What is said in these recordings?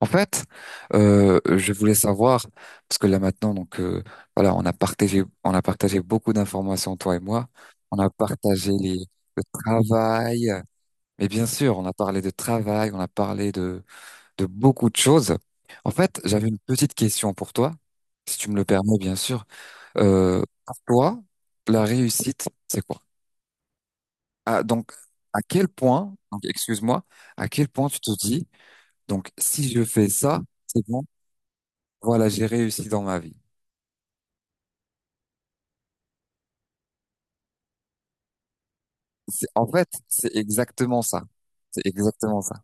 En fait, je voulais savoir parce que là maintenant, donc voilà, on a partagé beaucoup d'informations toi et moi. On a partagé le travail, mais bien sûr, on a parlé de travail, on a parlé de beaucoup de choses. En fait, j'avais une petite question pour toi, si tu me le permets, bien sûr. Pour toi, la réussite, c'est quoi? Ah, donc, à quel point, donc excuse-moi, à quel point tu te dis, donc si je fais ça, c'est bon. Voilà, j'ai réussi dans ma vie. En fait, c'est exactement ça. C'est exactement ça.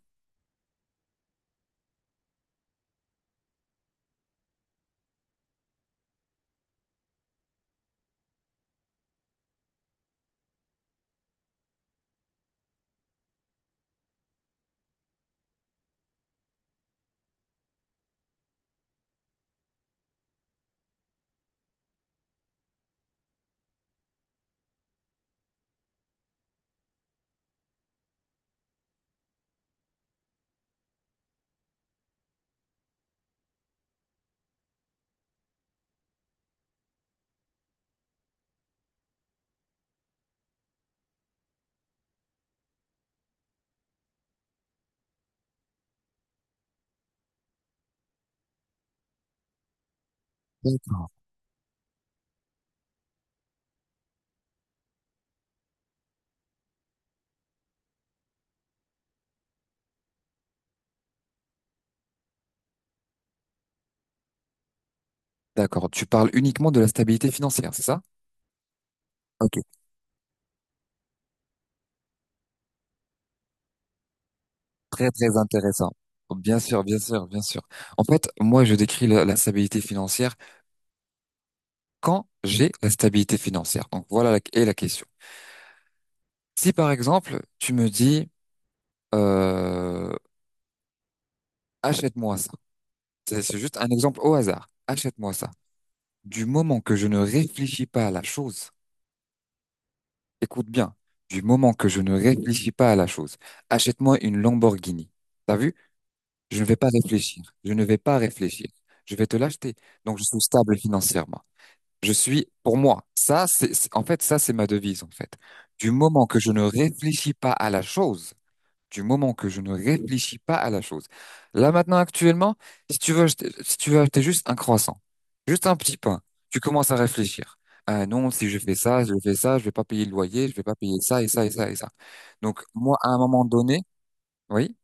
D'accord. D'accord. Tu parles uniquement de la stabilité financière, c'est ça? Ok. Très, très intéressant. Bien sûr, bien sûr, bien sûr. En fait, moi, je décris la stabilité financière quand j'ai la stabilité financière. Donc, voilà est la question. Si, par exemple, tu me dis, euh, achète-moi ça. C'est juste un exemple au hasard. Achète-moi ça. Du moment que je ne réfléchis pas à la chose, écoute bien, du moment que je ne réfléchis pas à la chose, achète-moi une Lamborghini. T'as vu? Je ne vais pas réfléchir. Je ne vais pas réfléchir. Je vais te l'acheter. Donc, je suis stable financièrement. Je suis, pour moi, ça, en fait, ça, c'est ma devise, en fait. Du moment que je ne réfléchis pas à la chose, du moment que je ne réfléchis pas à la chose. Là maintenant, actuellement, si tu veux acheter juste un croissant, juste un petit pain, tu commences à réfléchir. Ah non, si je fais ça, je fais ça, je vais pas payer le loyer, je vais pas payer ça et ça et ça et ça. Donc moi, à un moment donné, oui,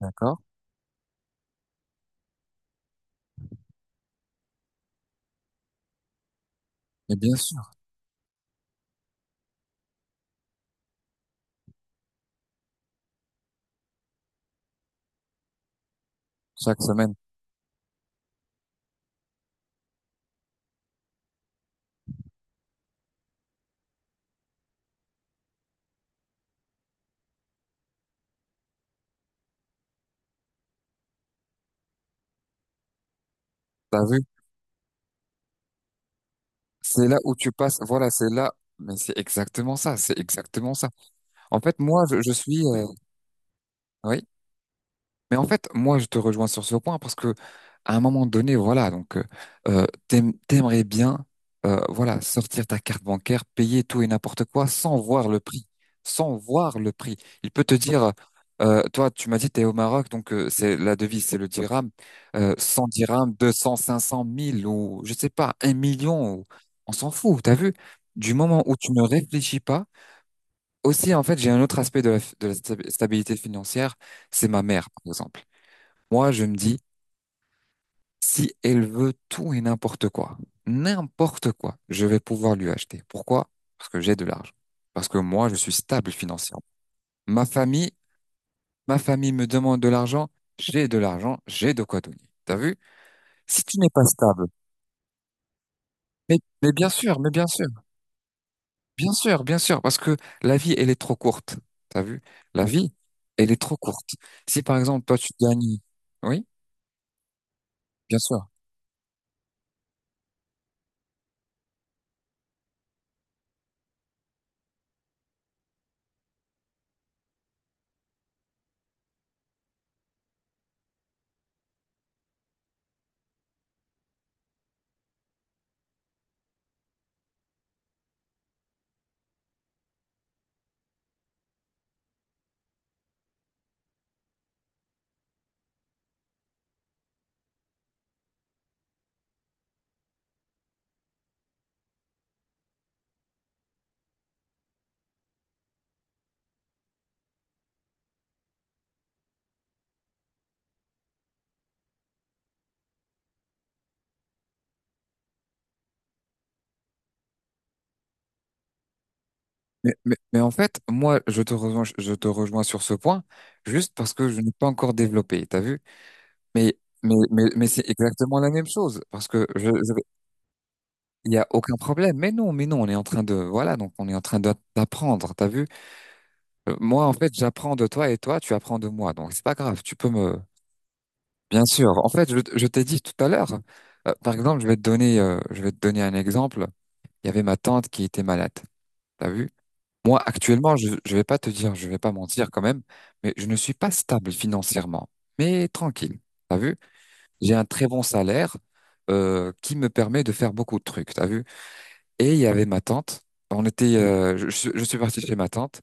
d'accord, et bien sûr, chaque semaine, t'as vu, c'est là où tu passes. Voilà, c'est là, mais c'est exactement ça, c'est exactement ça. En fait, moi, je suis, oui. Mais en fait, moi, je te rejoins sur ce point parce que à un moment donné, voilà, donc t'aimerais bien, voilà, sortir ta carte bancaire, payer tout et n'importe quoi sans voir le prix, sans voir le prix. Il peut te dire, toi, tu m'as dit t'es au Maroc, donc c'est la devise, c'est le dirham, 100 dirhams, 200, 500, 1000 ou je sais pas, 1 million, on s'en fout. T'as vu? Du moment où tu ne réfléchis pas, aussi, en fait, j'ai un autre aspect de la stabilité financière, c'est ma mère, par exemple. Moi, je me dis, si elle veut tout et n'importe quoi, je vais pouvoir lui acheter. Pourquoi? Parce que j'ai de l'argent. Parce que moi, je suis stable financièrement. Ma famille, ma famille me demande de l'argent, j'ai de l'argent, j'ai de quoi donner. T'as vu? Si tu n'es pas stable, mais bien sûr, mais bien sûr, bien sûr, bien sûr, parce que la vie, elle est trop courte. T'as vu? La vie, elle est trop courte. Si par exemple, toi, tu gagnes, oui, bien sûr. Mais en fait, moi, je te rejoins sur ce point, juste parce que je n'ai pas encore développé, t'as vu? Mais, mais c'est exactement la même chose, parce que je il y a aucun problème. Mais non, on est en train de, voilà, donc on est en train d'apprendre, t'as vu? Moi, en fait, j'apprends de toi et toi, tu apprends de moi, donc c'est pas grave, tu peux me, bien sûr. En fait, je t'ai dit tout à l'heure, par exemple, je vais te donner, je vais te donner un exemple. Il y avait ma tante qui était malade, t'as vu? Moi, actuellement, je ne vais pas te dire, je vais pas mentir quand même, mais je ne suis pas stable financièrement, mais tranquille. T'as vu? J'ai un très bon salaire qui me permet de faire beaucoup de trucs. T'as vu? Et il y avait ma tante. Je suis parti chez ma tante.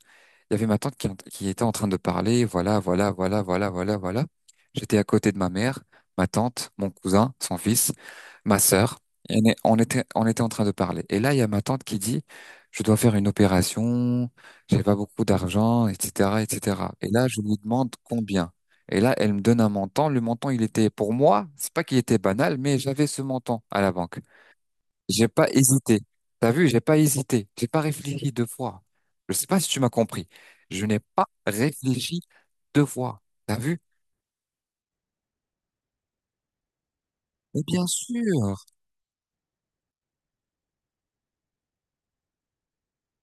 Il y avait ma tante qui était en train de parler. Voilà, voilà, voilà, voilà, voilà, voilà. J'étais à côté de ma mère, ma tante, mon cousin, son fils, ma sœur. Et on était en train de parler. Et là, il y a ma tante qui dit, je dois faire une opération, j'ai pas beaucoup d'argent, etc., etc. Et cetera. Et là, je lui demande combien. Et là, elle me donne un montant. Le montant, il était pour moi, c'est pas qu'il était banal, mais j'avais ce montant à la banque. J'ai pas hésité. T'as vu, j'ai pas hésité. J'ai pas réfléchi deux fois. Je sais pas si tu m'as compris. Je n'ai pas réfléchi deux fois. T'as vu? Mais bien sûr.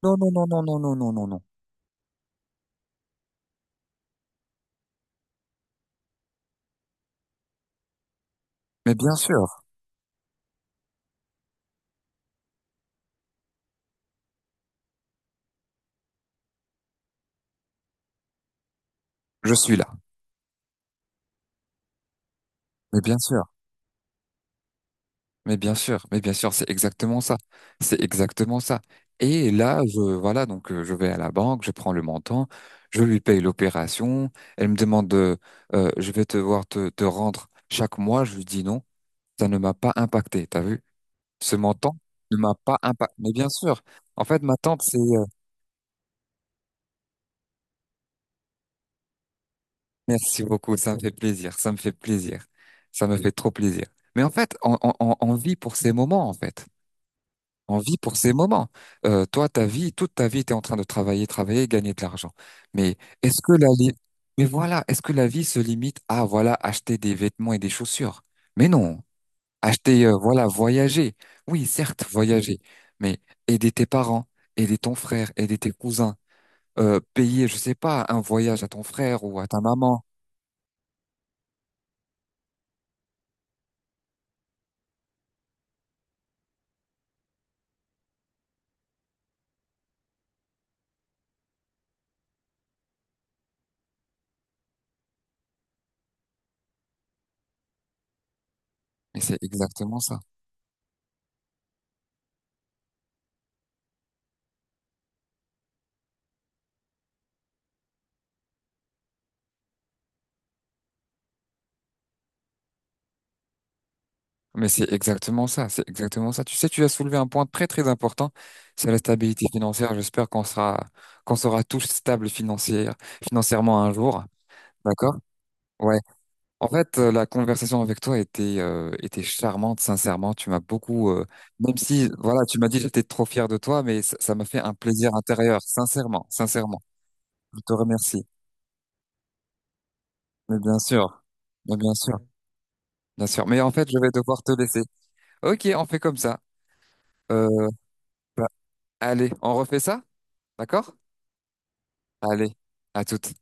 Non, non, non, non, non, non, non, non, non. Mais bien sûr, je suis là. Mais bien sûr. Mais bien sûr. Mais bien sûr, c'est exactement ça. C'est exactement ça. Et là, voilà, donc je vais à la banque, je prends le montant, je lui paye l'opération. Elle me demande de, je vais devoir te rendre chaque mois. Je lui dis non, ça ne m'a pas impacté. T'as vu? Ce montant ne m'a pas impacté. Mais bien sûr, en fait, ma tante, c'est. Merci beaucoup, ça me fait plaisir, ça me fait plaisir, ça me fait trop plaisir. Mais en fait, on vit pour ces moments, en fait. On vit pour ces moments. Toi, ta vie, toute ta vie, tu es en train de travailler, travailler, gagner de l'argent. Mais est-ce que la vie... Mais voilà, est-ce que la vie se limite à, voilà, acheter des vêtements et des chaussures? Mais non. Acheter, voilà, voyager. Oui, certes, voyager. Mais aider tes parents, aider ton frère, aider tes cousins payer, je sais pas, un voyage à ton frère ou à ta maman. Mais c'est exactement ça. Mais c'est exactement ça. C'est exactement ça. Tu sais, tu as soulevé un point très très important, c'est la stabilité financière. J'espère qu'on sera tous stables financièrement un jour. D'accord? Ouais. En fait, la conversation avec toi était charmante, sincèrement. Tu m'as beaucoup, même si voilà, tu m'as dit que j'étais trop fier de toi, mais ça m'a fait un plaisir intérieur, sincèrement, sincèrement. Je te remercie. Mais bien sûr, mais bien sûr. Bien sûr. Mais en fait, je vais devoir te laisser. Ok, on fait comme ça. Euh, Bah, allez, on refait ça? D'accord? Allez, à toute.